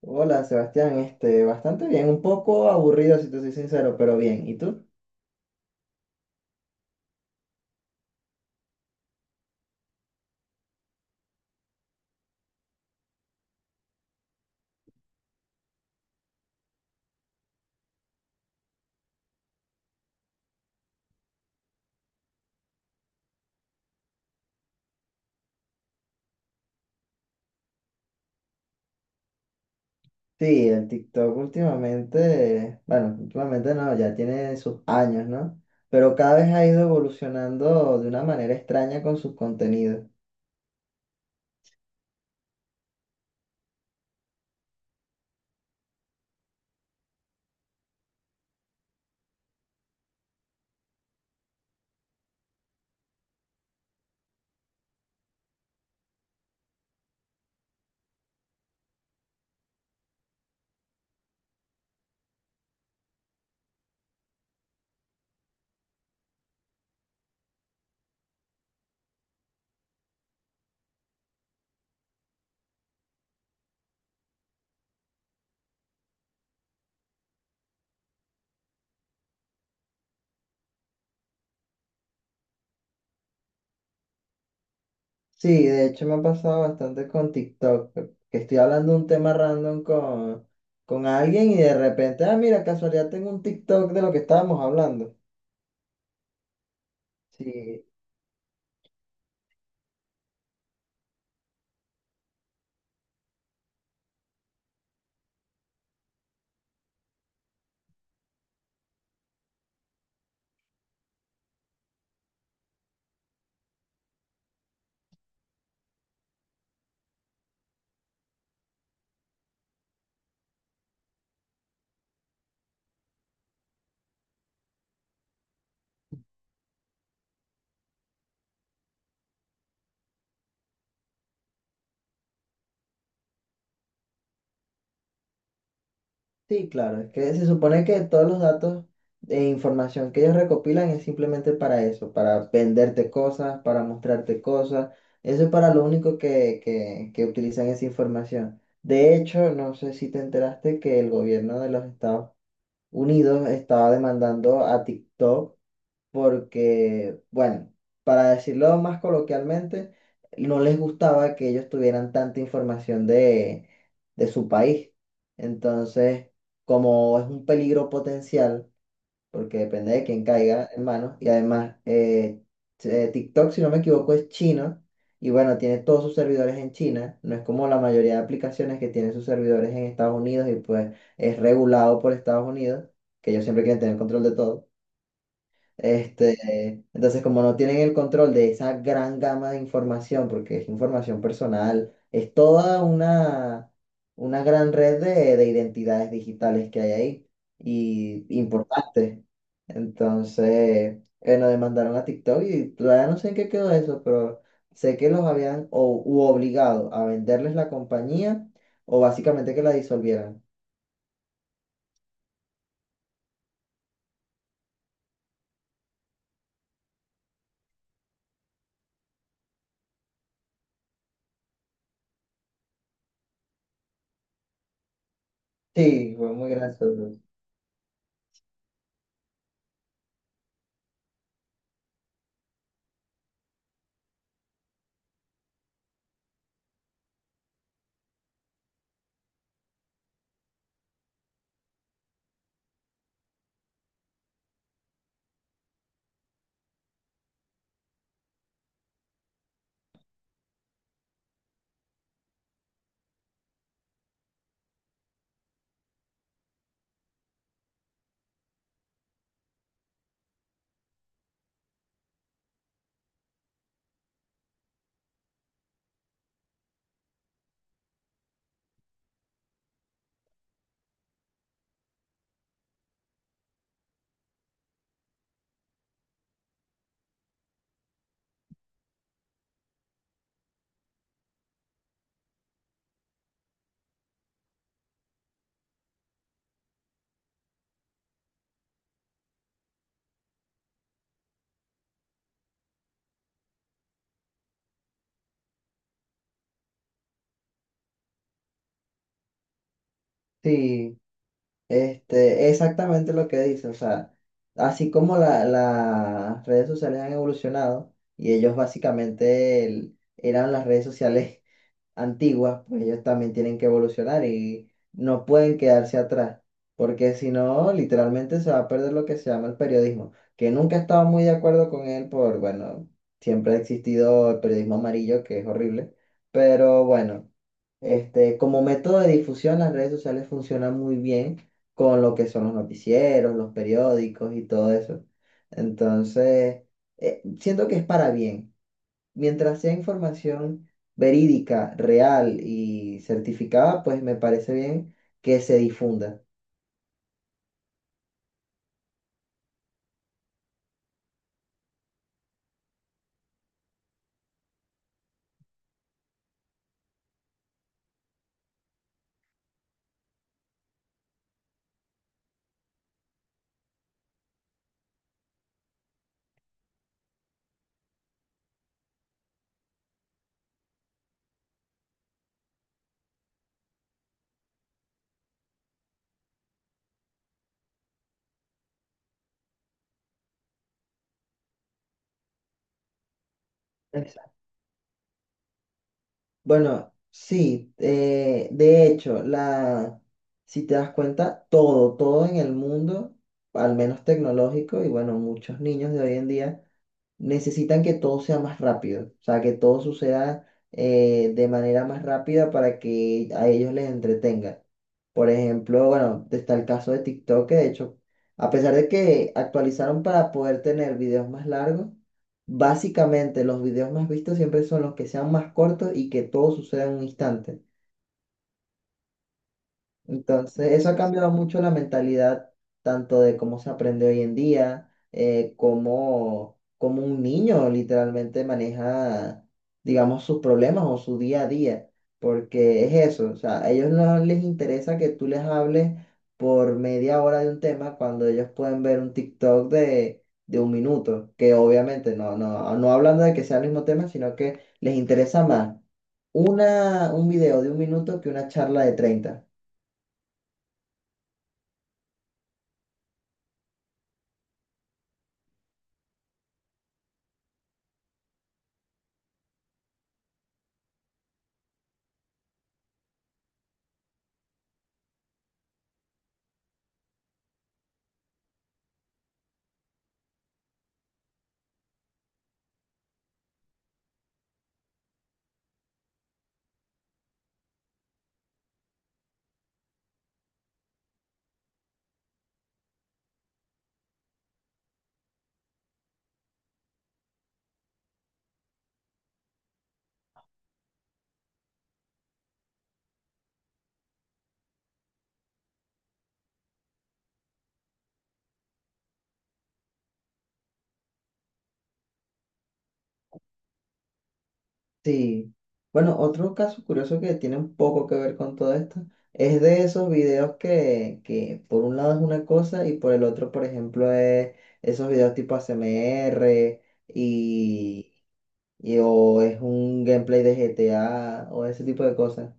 Hola Sebastián, bastante bien, un poco aburrido si te soy sincero, pero bien. ¿Y tú? Sí, el TikTok últimamente, bueno, últimamente no, ya tiene sus años, ¿no? Pero cada vez ha ido evolucionando de una manera extraña con sus contenidos. Sí, de hecho me ha pasado bastante con TikTok, que estoy hablando de un tema random con alguien y de repente, ah, mira, casualidad tengo un TikTok de lo que estábamos hablando. Sí. Sí, claro, es que se supone que todos los datos e información que ellos recopilan es simplemente para eso, para venderte cosas, para mostrarte cosas. Eso es para lo único que utilizan esa información. De hecho, no sé si te enteraste que el gobierno de los Estados Unidos estaba demandando a TikTok porque, bueno, para decirlo más coloquialmente, no les gustaba que ellos tuvieran tanta información de su país. Entonces, como es un peligro potencial, porque depende de quién caiga en manos, y además TikTok, si no me equivoco, es chino, y bueno, tiene todos sus servidores en China, no es como la mayoría de aplicaciones que tienen sus servidores en Estados Unidos y pues es regulado por Estados Unidos, que ellos siempre quieren tener control de todo. Entonces, como no tienen el control de esa gran gama de información, porque es información personal, es toda una gran red de identidades digitales que hay ahí y importante. Entonces, bueno, demandaron a TikTok y todavía no sé en qué quedó eso, pero sé que los habían u obligado a venderles la compañía o básicamente que la disolvieran. Sí, fue muy gracioso. Sí. Exactamente lo que dice, o sea, así como las redes sociales han evolucionado y ellos básicamente eran las redes sociales antiguas, pues ellos también tienen que evolucionar y no pueden quedarse atrás, porque si no, literalmente se va a perder lo que se llama el periodismo, que nunca he estado muy de acuerdo con él por, bueno, siempre ha existido el periodismo amarillo, que es horrible, pero bueno. Como método de difusión, las redes sociales funcionan muy bien con lo que son los noticieros, los periódicos y todo eso. Entonces, siento que es para bien. Mientras sea información verídica, real y certificada, pues me parece bien que se difunda. Exacto. Bueno, sí, de hecho, la, si te das cuenta, todo, todo en el mundo, al menos tecnológico, y bueno, muchos niños de hoy en día necesitan que todo sea más rápido, o sea, que todo suceda de manera más rápida para que a ellos les entretenga. Por ejemplo, bueno, está el caso de TikTok, que de hecho, a pesar de que actualizaron para poder tener videos más largos, básicamente los videos más vistos siempre son los que sean más cortos y que todo suceda en un instante. Entonces, eso ha cambiado mucho la mentalidad, tanto de cómo se aprende hoy en día, cómo, cómo un niño literalmente maneja, digamos, sus problemas o su día a día, porque es eso, o sea, a ellos no les interesa que tú les hables por media hora de un tema cuando ellos pueden ver un TikTok de un minuto, que obviamente no, no, no hablando de que sea el mismo tema, sino que les interesa más una, un video de un minuto que una charla de 30. Sí. Bueno, otro caso curioso que tiene un poco que ver con todo esto es de esos videos que por un lado es una cosa y por el otro, por ejemplo, es esos videos tipo ASMR y, o es un gameplay de GTA o ese tipo de cosas.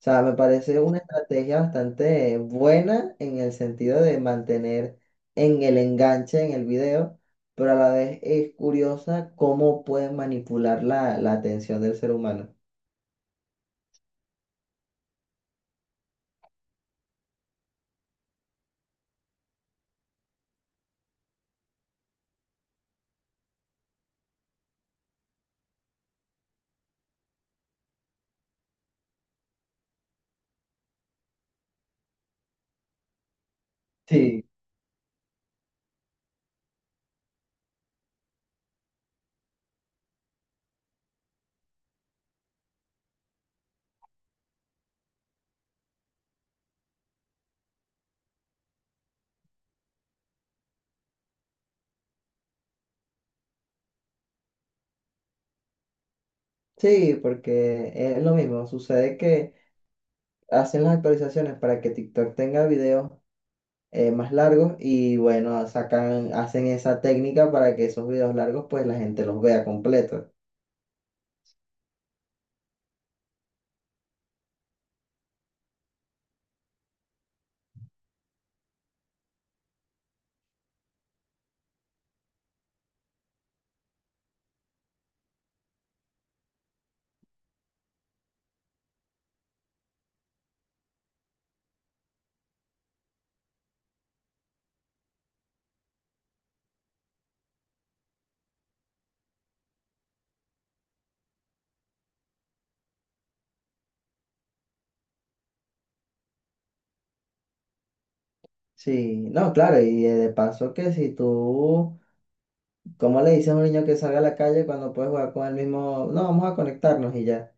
O sea, me parece una estrategia bastante buena en el sentido de mantener en el enganche en el video, pero a la vez es curiosa cómo pueden manipular la atención del ser humano. Sí, sí, porque es lo mismo. Sucede que hacen las actualizaciones para que TikTok tenga videos más largos y bueno, sacan, hacen esa técnica para que esos videos largos pues la gente los vea completos. Sí, no, claro, y de paso que si tú, ¿cómo le dices a un niño que salga a la calle cuando puedes jugar con el mismo? No, vamos a conectarnos y ya.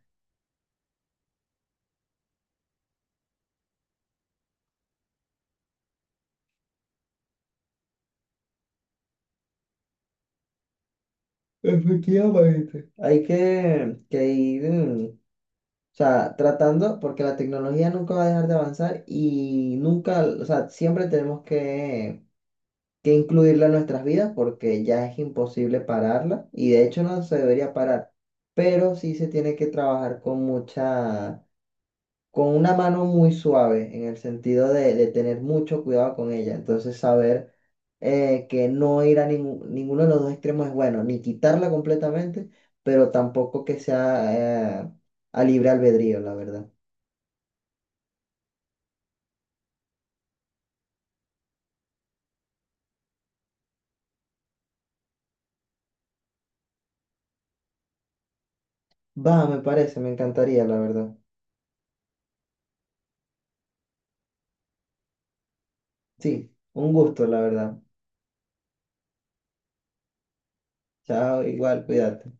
Efectivamente. Hay que ir, o sea, tratando, porque la tecnología nunca va a dejar de avanzar y nunca, o sea, siempre tenemos que incluirla en nuestras vidas porque ya es imposible pararla y de hecho no se debería parar, pero sí se tiene que trabajar con mucha, con una mano muy suave en el sentido de tener mucho cuidado con ella. Entonces, saber que no ir a ninguno de los dos extremos es bueno, ni quitarla completamente, pero tampoco que sea a libre albedrío, la verdad. Va, me parece, me encantaría, la verdad. Sí, un gusto, la verdad. Chao, igual, cuídate.